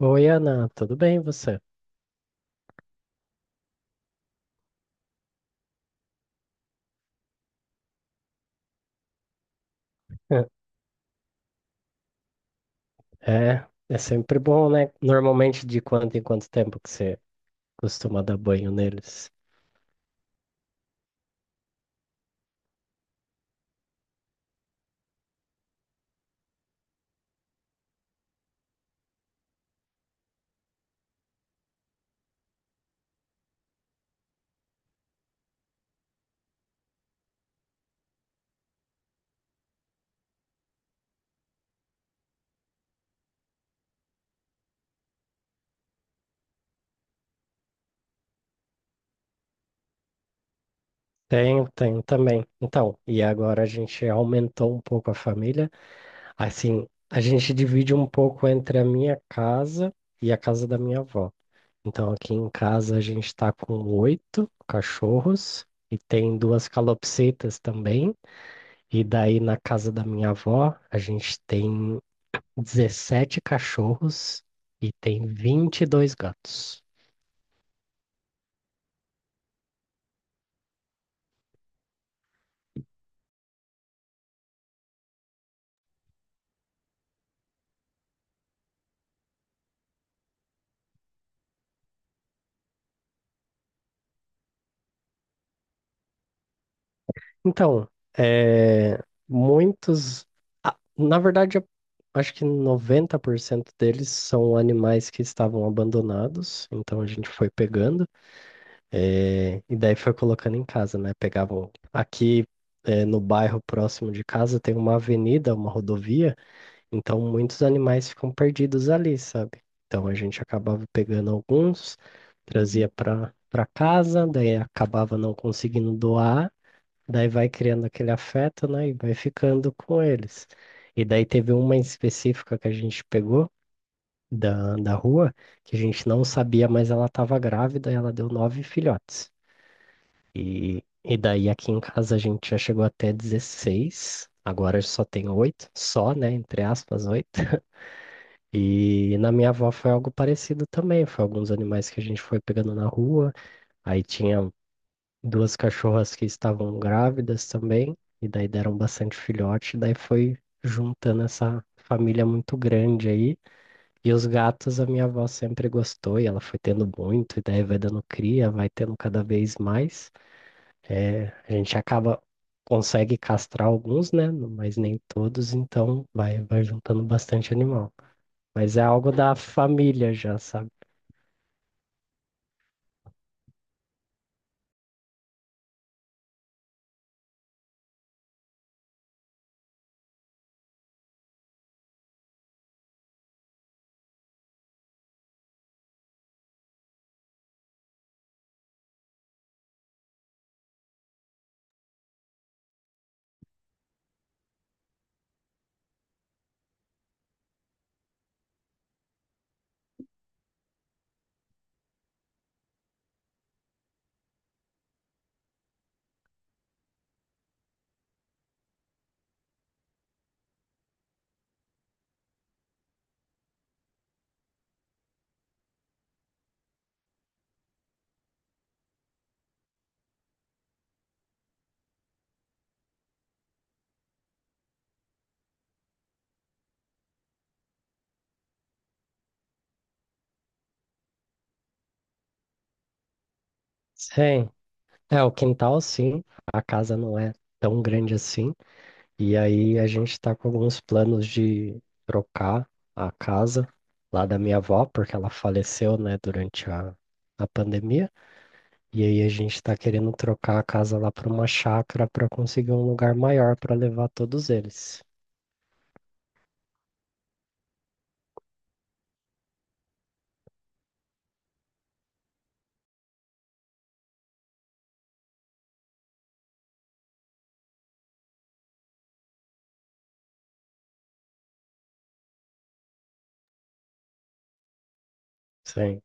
Oi, Ana, tudo bem você? É, é sempre bom, né? Normalmente de quanto em quanto tempo que você costuma dar banho neles? Tenho, tenho também. Então, e agora a gente aumentou um pouco a família. Assim, a gente divide um pouco entre a minha casa e a casa da minha avó. Então, aqui em casa a gente tá com oito cachorros e tem duas calopsitas também. E daí na casa da minha avó a gente tem 17 cachorros e tem 22 gatos. Então, é, muitos. Na verdade, eu acho que 90% deles são animais que estavam abandonados. Então, a gente foi pegando e daí foi colocando em casa, né? Pegavam aqui. No bairro próximo de casa tem uma avenida, uma rodovia. Então, muitos animais ficam perdidos ali, sabe? Então, a gente acabava pegando alguns, trazia para casa, daí acabava não conseguindo doar, daí vai criando aquele afeto, né? E vai ficando com eles. E daí teve uma em específica que a gente pegou da rua, que a gente não sabia, mas ela estava grávida e ela deu nove filhotes. E daí aqui em casa a gente já chegou até 16. Agora só tem oito, só, né? Entre aspas, oito. E na minha avó foi algo parecido também. Foi alguns animais que a gente foi pegando na rua. Aí tinha duas cachorras que estavam grávidas também. E daí deram bastante filhote. Daí foi juntando essa família muito grande aí. E os gatos a minha avó sempre gostou. E ela foi tendo muito. E daí vai dando cria, vai tendo cada vez mais. É, a gente acaba. Consegue castrar alguns, né? Mas nem todos, então vai, vai juntando bastante animal. Mas é algo da família já, sabe? Sim. É, o quintal sim, a casa não é tão grande assim. E aí a gente tá com alguns planos de trocar a casa lá da minha avó, porque ela faleceu, né, durante a pandemia. E aí a gente tá querendo trocar a casa lá para uma chácara para conseguir um lugar maior para levar todos eles. Sim.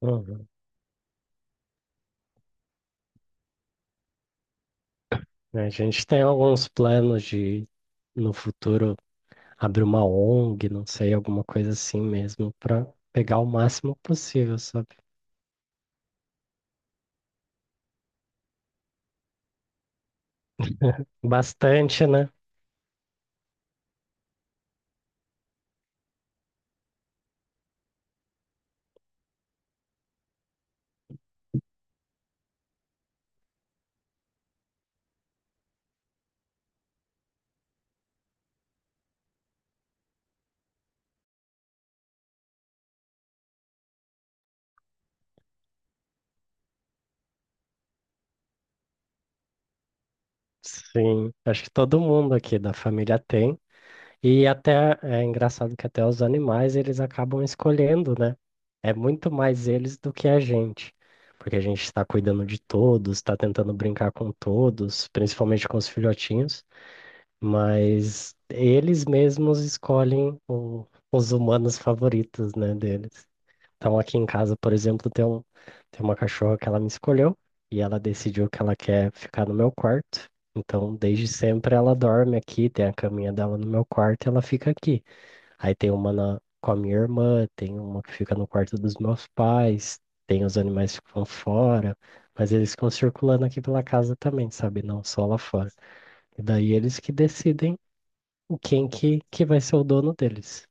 Uhum. A gente tem alguns planos de no futuro abrir uma ONG, não sei, alguma coisa assim mesmo, para pegar o máximo possível, sabe? Bastante, né? Sim, acho que todo mundo aqui da família tem. E até é engraçado que até os animais eles acabam escolhendo, né? É muito mais eles do que a gente, porque a gente está cuidando de todos, está tentando brincar com todos, principalmente com os filhotinhos, mas eles mesmos escolhem os humanos favoritos, né, deles. Então, aqui em casa, por exemplo, tem uma cachorra que ela me escolheu e ela decidiu que ela quer ficar no meu quarto. Então, desde sempre ela dorme aqui, tem a caminha dela no meu quarto e ela fica aqui. Aí tem uma com a minha irmã, tem uma que fica no quarto dos meus pais, tem os animais que ficam fora, mas eles ficam circulando aqui pela casa também, sabe? Não só lá fora. E daí eles que decidem quem que vai ser o dono deles.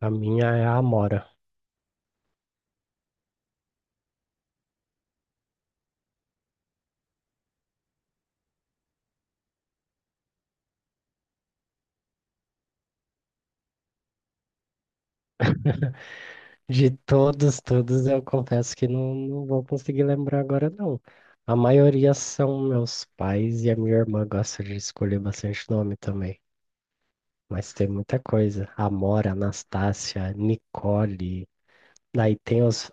A minha é a Amora. De todos, todos, eu confesso que não, não vou conseguir lembrar agora, não. A maioria são meus pais e a minha irmã gosta de escolher bastante nome também. Mas tem muita coisa. Amora, Anastácia, Nicole. Daí tem os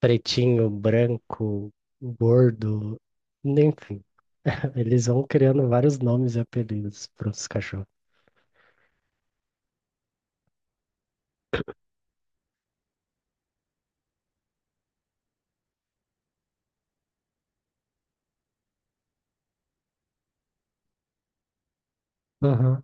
pretinho, branco, gordo. Enfim, eles vão criando vários nomes e apelidos para os cachorros. Aham.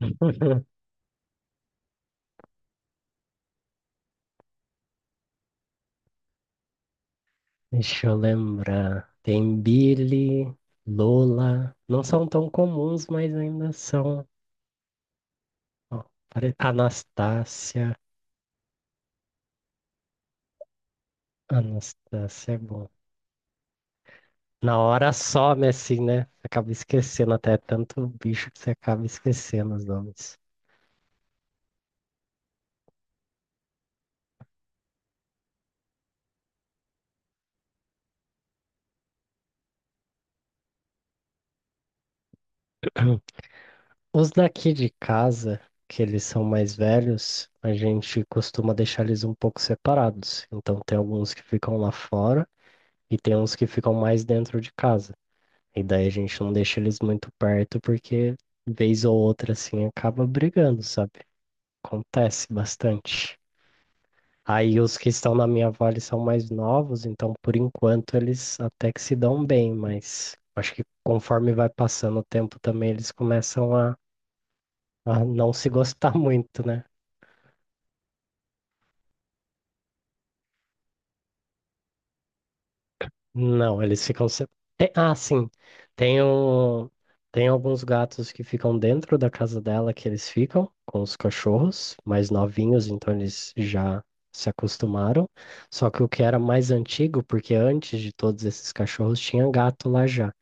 Deixa eu lembrar. Tem Billy, Lola. Não são tão comuns, mas ainda são. Ó, Anastácia. Anastácia é bom. Na hora some assim, né? Acaba esquecendo até tanto bicho que você acaba esquecendo os nomes. Os daqui de casa, que eles são mais velhos, a gente costuma deixar eles um pouco separados. Então tem alguns que ficam lá fora e tem uns que ficam mais dentro de casa. E daí a gente não deixa eles muito perto porque vez ou outra assim acaba brigando, sabe? Acontece bastante. Aí os que estão na minha vale são mais novos, então por enquanto eles até que se dão bem, mas acho que conforme vai passando o tempo também eles começam a não se gostar muito, né? Não, eles ficam. Ah, sim. Tem, um... Tem alguns gatos que ficam dentro da casa dela que eles ficam com os cachorros mais novinhos, então eles já se acostumaram. Só que o que era mais antigo, porque antes de todos esses cachorros tinha gato lá já.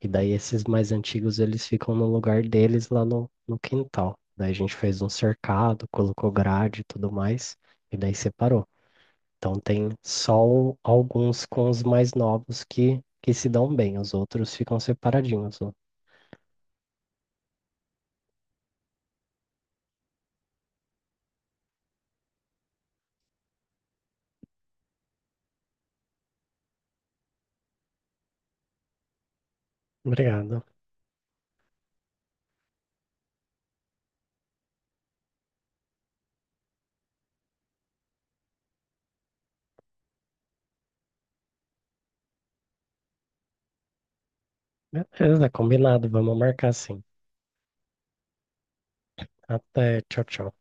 E daí esses mais antigos eles ficam no lugar deles lá no quintal. Daí a gente fez um cercado, colocou grade e tudo mais, e daí separou. Então tem só alguns com os mais novos que se dão bem, os outros ficam separadinhos. Ó. Obrigado. Beleza, combinado. Vamos marcar sim. Até, tchau, tchau.